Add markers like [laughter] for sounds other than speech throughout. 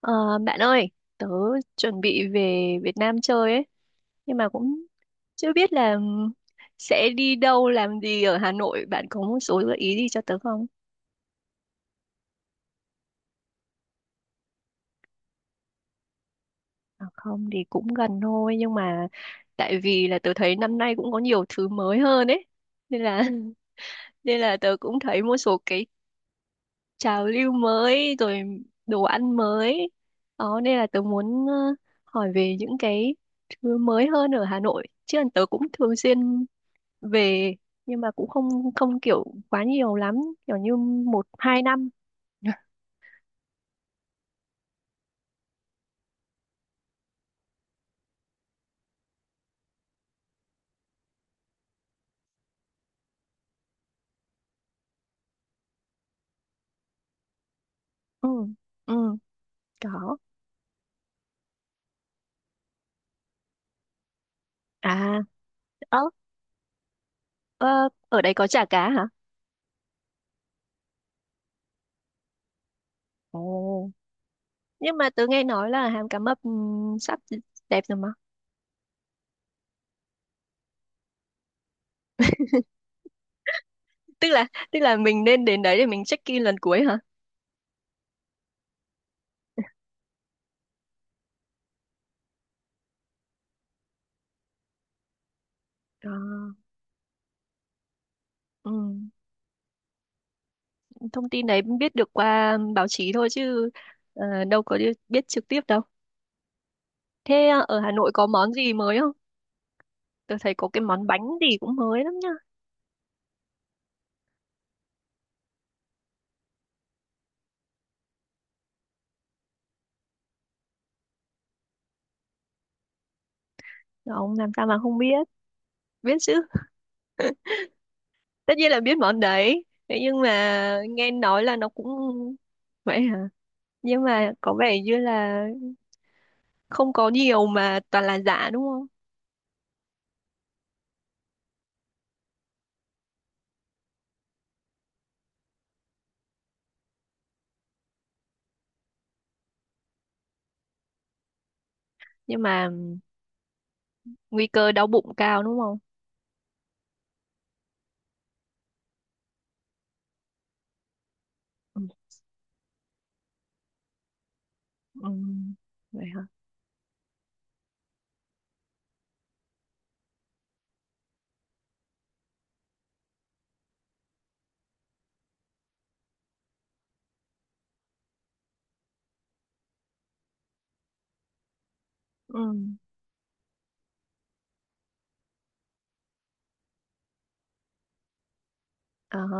Ờ, Bạn ơi, tớ chuẩn bị về Việt Nam chơi ấy, nhưng mà cũng chưa biết là sẽ đi đâu làm gì ở Hà Nội. Bạn có một số gợi ý gì cho tớ không? À, không thì cũng gần thôi, nhưng mà tại vì là tớ thấy năm nay cũng có nhiều thứ mới hơn ấy, nên là Ừ. [laughs] Nên là tớ cũng thấy một số cái trào lưu mới rồi, đồ ăn mới. Đó, nên là tớ muốn hỏi về những cái thứ mới hơn ở Hà Nội. Chứ tớ cũng thường xuyên về, nhưng mà cũng không không kiểu quá nhiều lắm, kiểu như một hai năm. [laughs] Ừ, ừ, có. À, ớ, ờ, ở đây có chả cá hả? Ồ, nhưng mà tớ nghe nói là hàm cá mập sắp đẹp rồi mà. Tức là mình nên đến đấy để mình check in lần cuối hả? À, ừ. Thông tin đấy biết được qua báo chí thôi chứ đâu có biết trực tiếp đâu. Thế ở Hà Nội có món gì mới không? Tôi thấy có cái món bánh gì cũng mới lắm. Không, làm sao mà không biết. Biết chứ. Tất nhiên là biết món đấy. Thế nhưng mà nghe nói là nó cũng vậy hả? Nhưng mà có vẻ như là không có nhiều mà toàn là giả đúng không? Nhưng mà nguy cơ đau bụng cao đúng không? Ừ. Ừ. Vậy hả? Ừ. Ờ hả,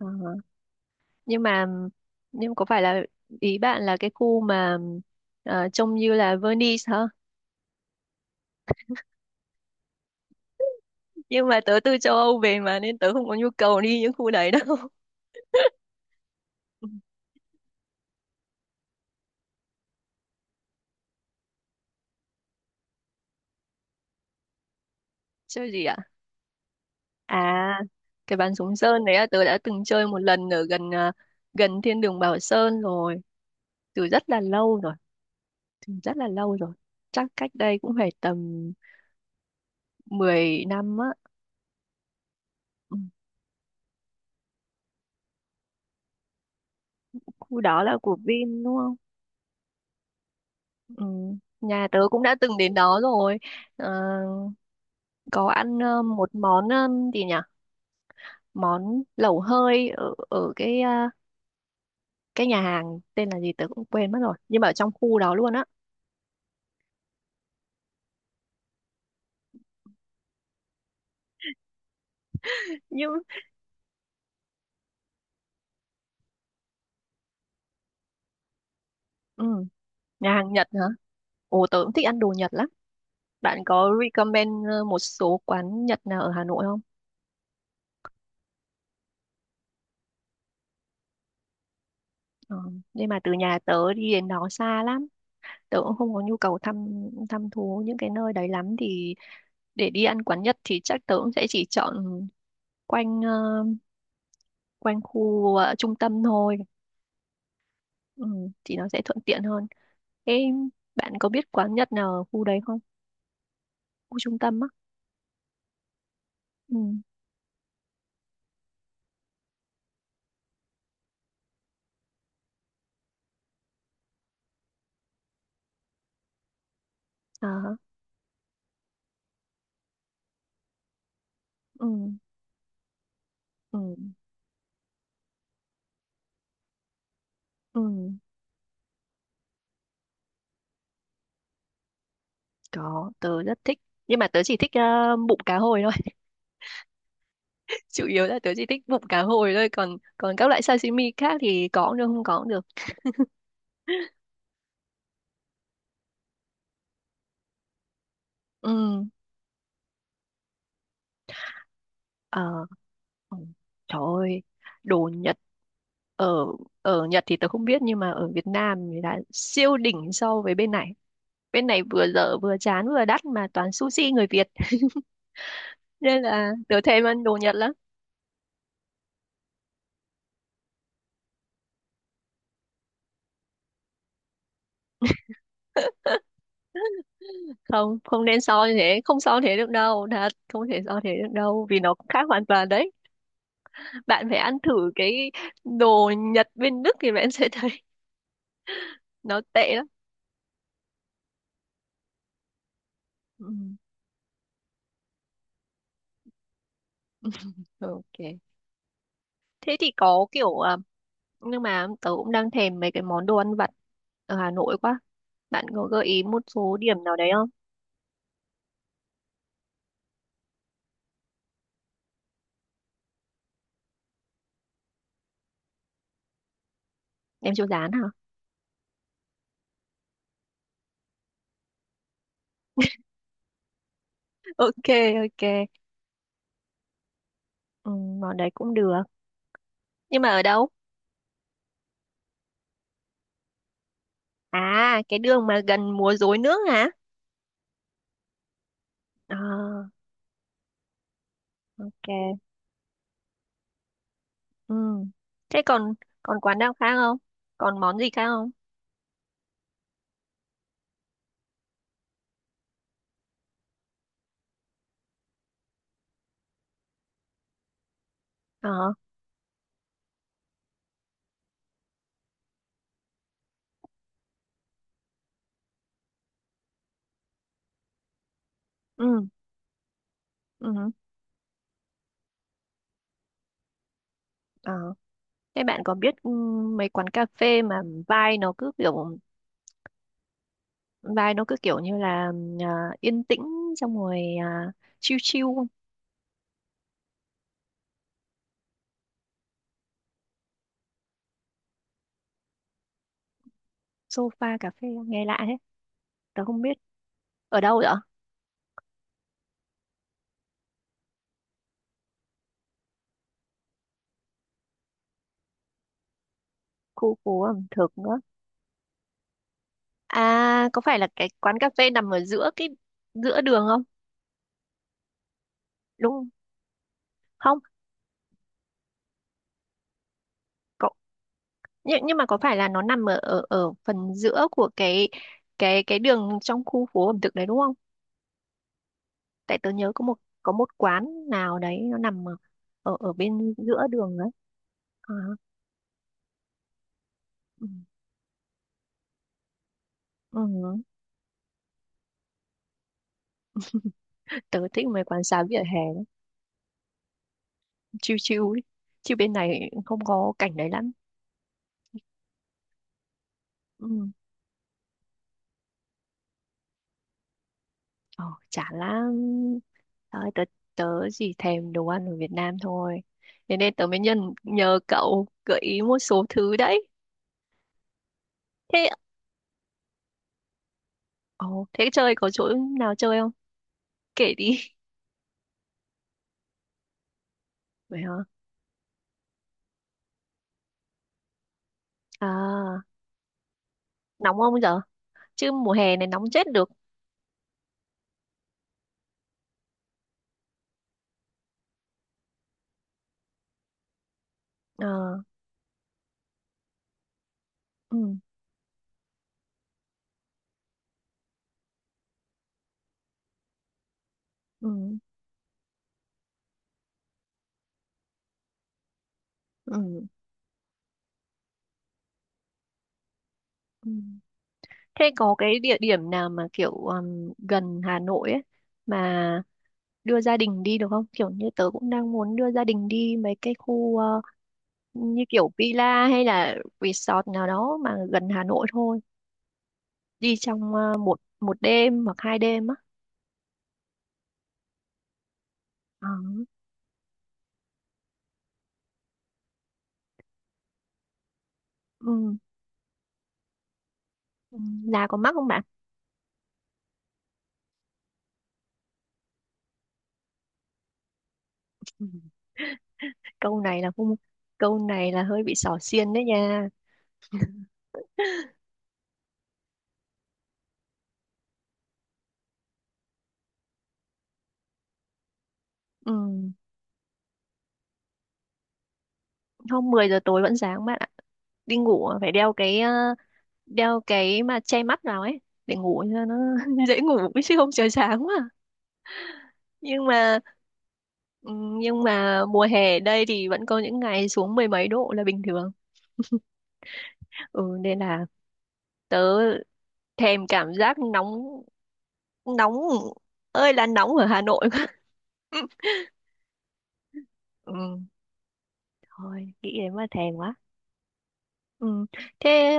ờ hả. Nhưng mà nhưng có phải là ý bạn là cái khu mà trông như là Venice hả? Nhưng mà tớ từ châu Âu về mà, nên tớ không có nhu cầu đi những khu đấy đâu. [laughs] Chơi gì ạ? À, cái bắn súng sơn đấy là tớ đã từng chơi một lần ở gần, gần thiên đường Bảo Sơn rồi, từ rất là lâu rồi, từ rất là lâu rồi. Chắc cách đây cũng phải tầm 10 năm á. Ừ, khu đó là của Vin đúng không? Ừ, nhà tớ cũng đã từng đến đó rồi. Ờ, có ăn một món gì nhỉ? Món lẩu hơi ở ở cái, cái nhà hàng tên là gì tớ cũng quên mất rồi, nhưng mà ở trong khu đó luôn á. [laughs] Nhưng ừ, Nhà hàng Nhật hả? Ồ, tớ cũng thích ăn đồ Nhật lắm. Bạn có recommend một số quán Nhật nào ở Hà Nội không? Ờ, nhưng mà từ nhà tớ đi đến đó xa lắm. Tớ cũng không có nhu cầu thăm thăm thú những cái nơi đấy lắm, thì để đi ăn quán Nhật thì chắc tớ cũng sẽ chỉ chọn quanh ờ, quanh khu trung tâm thôi. Ừ, thì nó sẽ thuận tiện hơn. Ê, bạn có biết quán Nhật nào ở khu đấy không? Khu trung tâm á? Ừ. À, ừ. Ừ. Ừ. Có, tớ rất thích. Nhưng mà tớ chỉ thích bụng cá hồi thôi. [laughs] Chủ yếu là tớ chỉ thích bụng cá hồi thôi. Còn còn các loại sashimi khác thì có cũng được, không có cũng được. [laughs] Ừ. Ờ. Ừ. Trời ơi, đồ Nhật. Ở ở Nhật thì tớ không biết, nhưng mà ở Việt Nam thì là siêu đỉnh so với bên này. Bên này vừa dở vừa chán vừa đắt mà toàn sushi người Việt. [laughs] Nên là tớ thèm ăn đồ Nhật lắm. [laughs] Không, không nên so như thế, không so thế được đâu, thật không thể so thế được đâu, vì nó cũng khác hoàn toàn đấy. Bạn phải ăn thử cái đồ Nhật bên Đức thì bạn [laughs] sẽ thấy nó tệ lắm. Ừ. [laughs] Ok, thế thì có kiểu à, nhưng mà tớ cũng đang thèm mấy cái món đồ ăn vặt ở Hà Nội quá. Bạn có gợi ý một số điểm nào đấy không? Em chưa dán hả? [laughs] Ok, ok. Ừ, món đấy cũng được, nhưng mà ở đâu? À, cái đường mà gần múa rối nước hả? À, ok. Ừ. Thế còn còn quán nào khác không? Còn món gì khác không? Ờ, ừ, ừ, ờ. Thế bạn có biết, mấy quán cà phê mà vibe nó cứ kiểu như là à, yên tĩnh, xong rồi chill chill không? Sofa cà phê nghe lạ thế. Tớ không biết ở đâu vậy? Khu phố ẩm thực nữa. À, có phải là cái quán cà phê nằm ở giữa giữa đường không? Đúng không? Không. Có, nhưng mà có phải là nó nằm ở ở ở phần giữa của cái đường trong khu phố ẩm thực đấy đúng không? Tại tớ nhớ có một quán nào đấy nó nằm ở ở, ở bên giữa đường đấy. À, ừ. Ừ. Tớ thích mấy quán xá vỉa hè lắm, chill chill ấy. Chứ bên này không có cảnh đấy lắm. Ừ. Ờ, chả lắm. Thôi, tớ tớ chỉ thèm đồ ăn ở Việt Nam thôi. Thế nên tớ mới nhân nhờ cậu gợi ý một số thứ đấy. Thế ồ, thế chơi có chỗ nào chơi không? Kể đi. [laughs] Vậy hả? À, nóng không giờ? Chứ mùa hè này nóng chết được. Ờ, ừ, ừ, ừ, ừ. Thế có cái địa điểm nào mà kiểu gần Hà Nội ấy mà đưa gia đình đi được không? Kiểu như tớ cũng đang muốn đưa gia đình đi mấy cái khu như kiểu villa hay là resort nào đó mà gần Hà Nội thôi. Đi trong một 1 đêm hoặc 2 đêm á. Ờ, ừ, ừ. Là có mắc không bạn? Câu này là không Câu này là hơi bị xỏ xiên đấy nha. Ừ. Hôm 10 giờ tối vẫn sáng bạn ạ, đi ngủ à, phải đeo cái mà che mắt vào ấy, để ngủ cho nó [laughs] dễ ngủ, chứ không trời sáng quá. nhưng mà ừ, nhưng mà mùa hè ở đây thì vẫn có những ngày xuống mười mấy độ là bình thường. [laughs] Ừ, nên là tớ thèm cảm giác nóng, nóng ơi là nóng ở Hà Nội quá. [laughs] Ừ. Thôi, nghĩ đến mà thèm quá. Ừ. Thế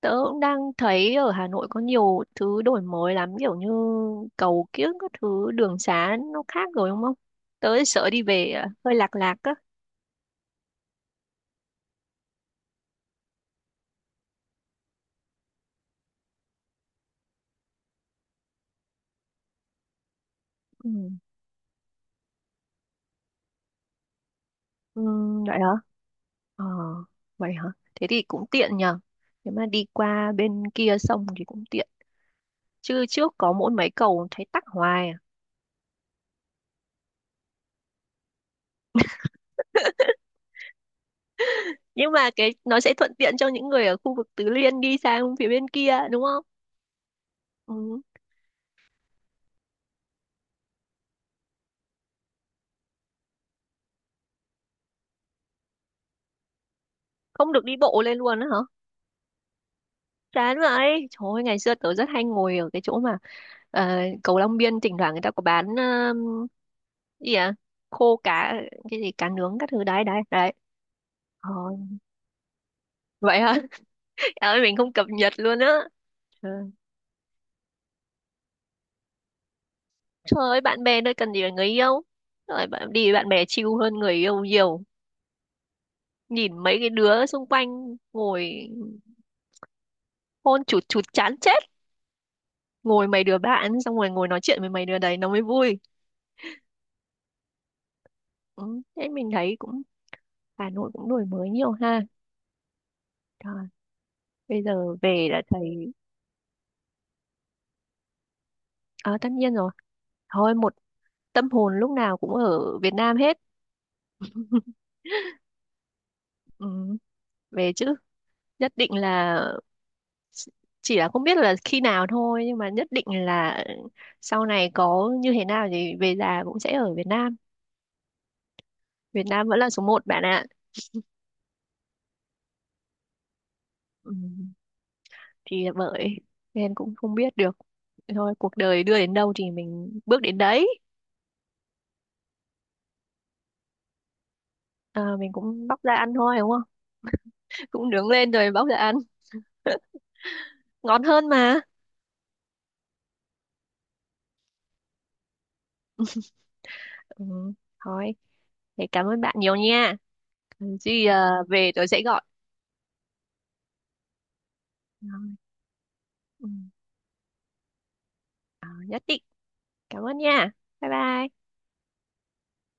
tớ cũng đang thấy ở Hà Nội có nhiều thứ đổi mới lắm, kiểu như cầu kiếng các thứ, đường xá nó khác rồi đúng không? Tớ sợ đi về à, hơi lạc lạc á. Ừ. Ừ, vậy hả? Ờ, vậy hả? Thế thì cũng tiện nhờ. Nếu mà đi qua bên kia sông thì cũng tiện. Chứ trước có mỗi mấy cầu thấy tắc hoài à. Nhưng mà cái nó sẽ thuận tiện cho những người ở khu vực Tứ Liên đi sang phía bên kia đúng không? Ừ. Không được đi bộ lên luôn á hả? Chán vậy. Trời ơi, ngày xưa tớ rất hay ngồi ở cái chỗ mà cầu Long Biên, thỉnh thoảng người ta có bán, gì à? Khô cá, cái gì cá nướng các thứ đấy đấy đấy. Ờ, vậy hả? [laughs] Trời ơi, mình không cập nhật luôn á. Trời Trời ơi, bạn bè nơi cần gì là người yêu. Rồi bạn đi với bạn bè chill hơn người yêu nhiều. Nhìn mấy cái đứa xung quanh ngồi hôn chụt chụt chán chết. Ngồi mấy đứa bạn xong rồi ngồi nói chuyện với mấy đứa đấy nó mới vui. Ừ, thế mình thấy cũng Hà Nội cũng đổi mới nhiều ha. Trời, bây giờ về đã thấy. À, tất nhiên rồi, thôi một tâm hồn lúc nào cũng ở Việt Nam hết. Ừ, về chứ, nhất định là, chỉ là không biết là khi nào thôi, nhưng mà nhất định là sau này có như thế nào thì về già cũng sẽ ở Việt Nam. Việt Nam vẫn là số một bạn ạ. Ừ, thì là bởi nên cũng không biết được, thôi cuộc đời đưa đến đâu thì mình bước đến đấy. À, mình cũng bóc ra ăn thôi đúng không? [laughs] Cũng nướng lên rồi bóc ra ăn ngon hơn mà. Ừ, thôi, thế cảm ơn bạn nhiều nha. Cần gì về tôi sẽ gọi. Rồi, ừ, ờ, nhất định. Cảm ơn nha. Bye bye.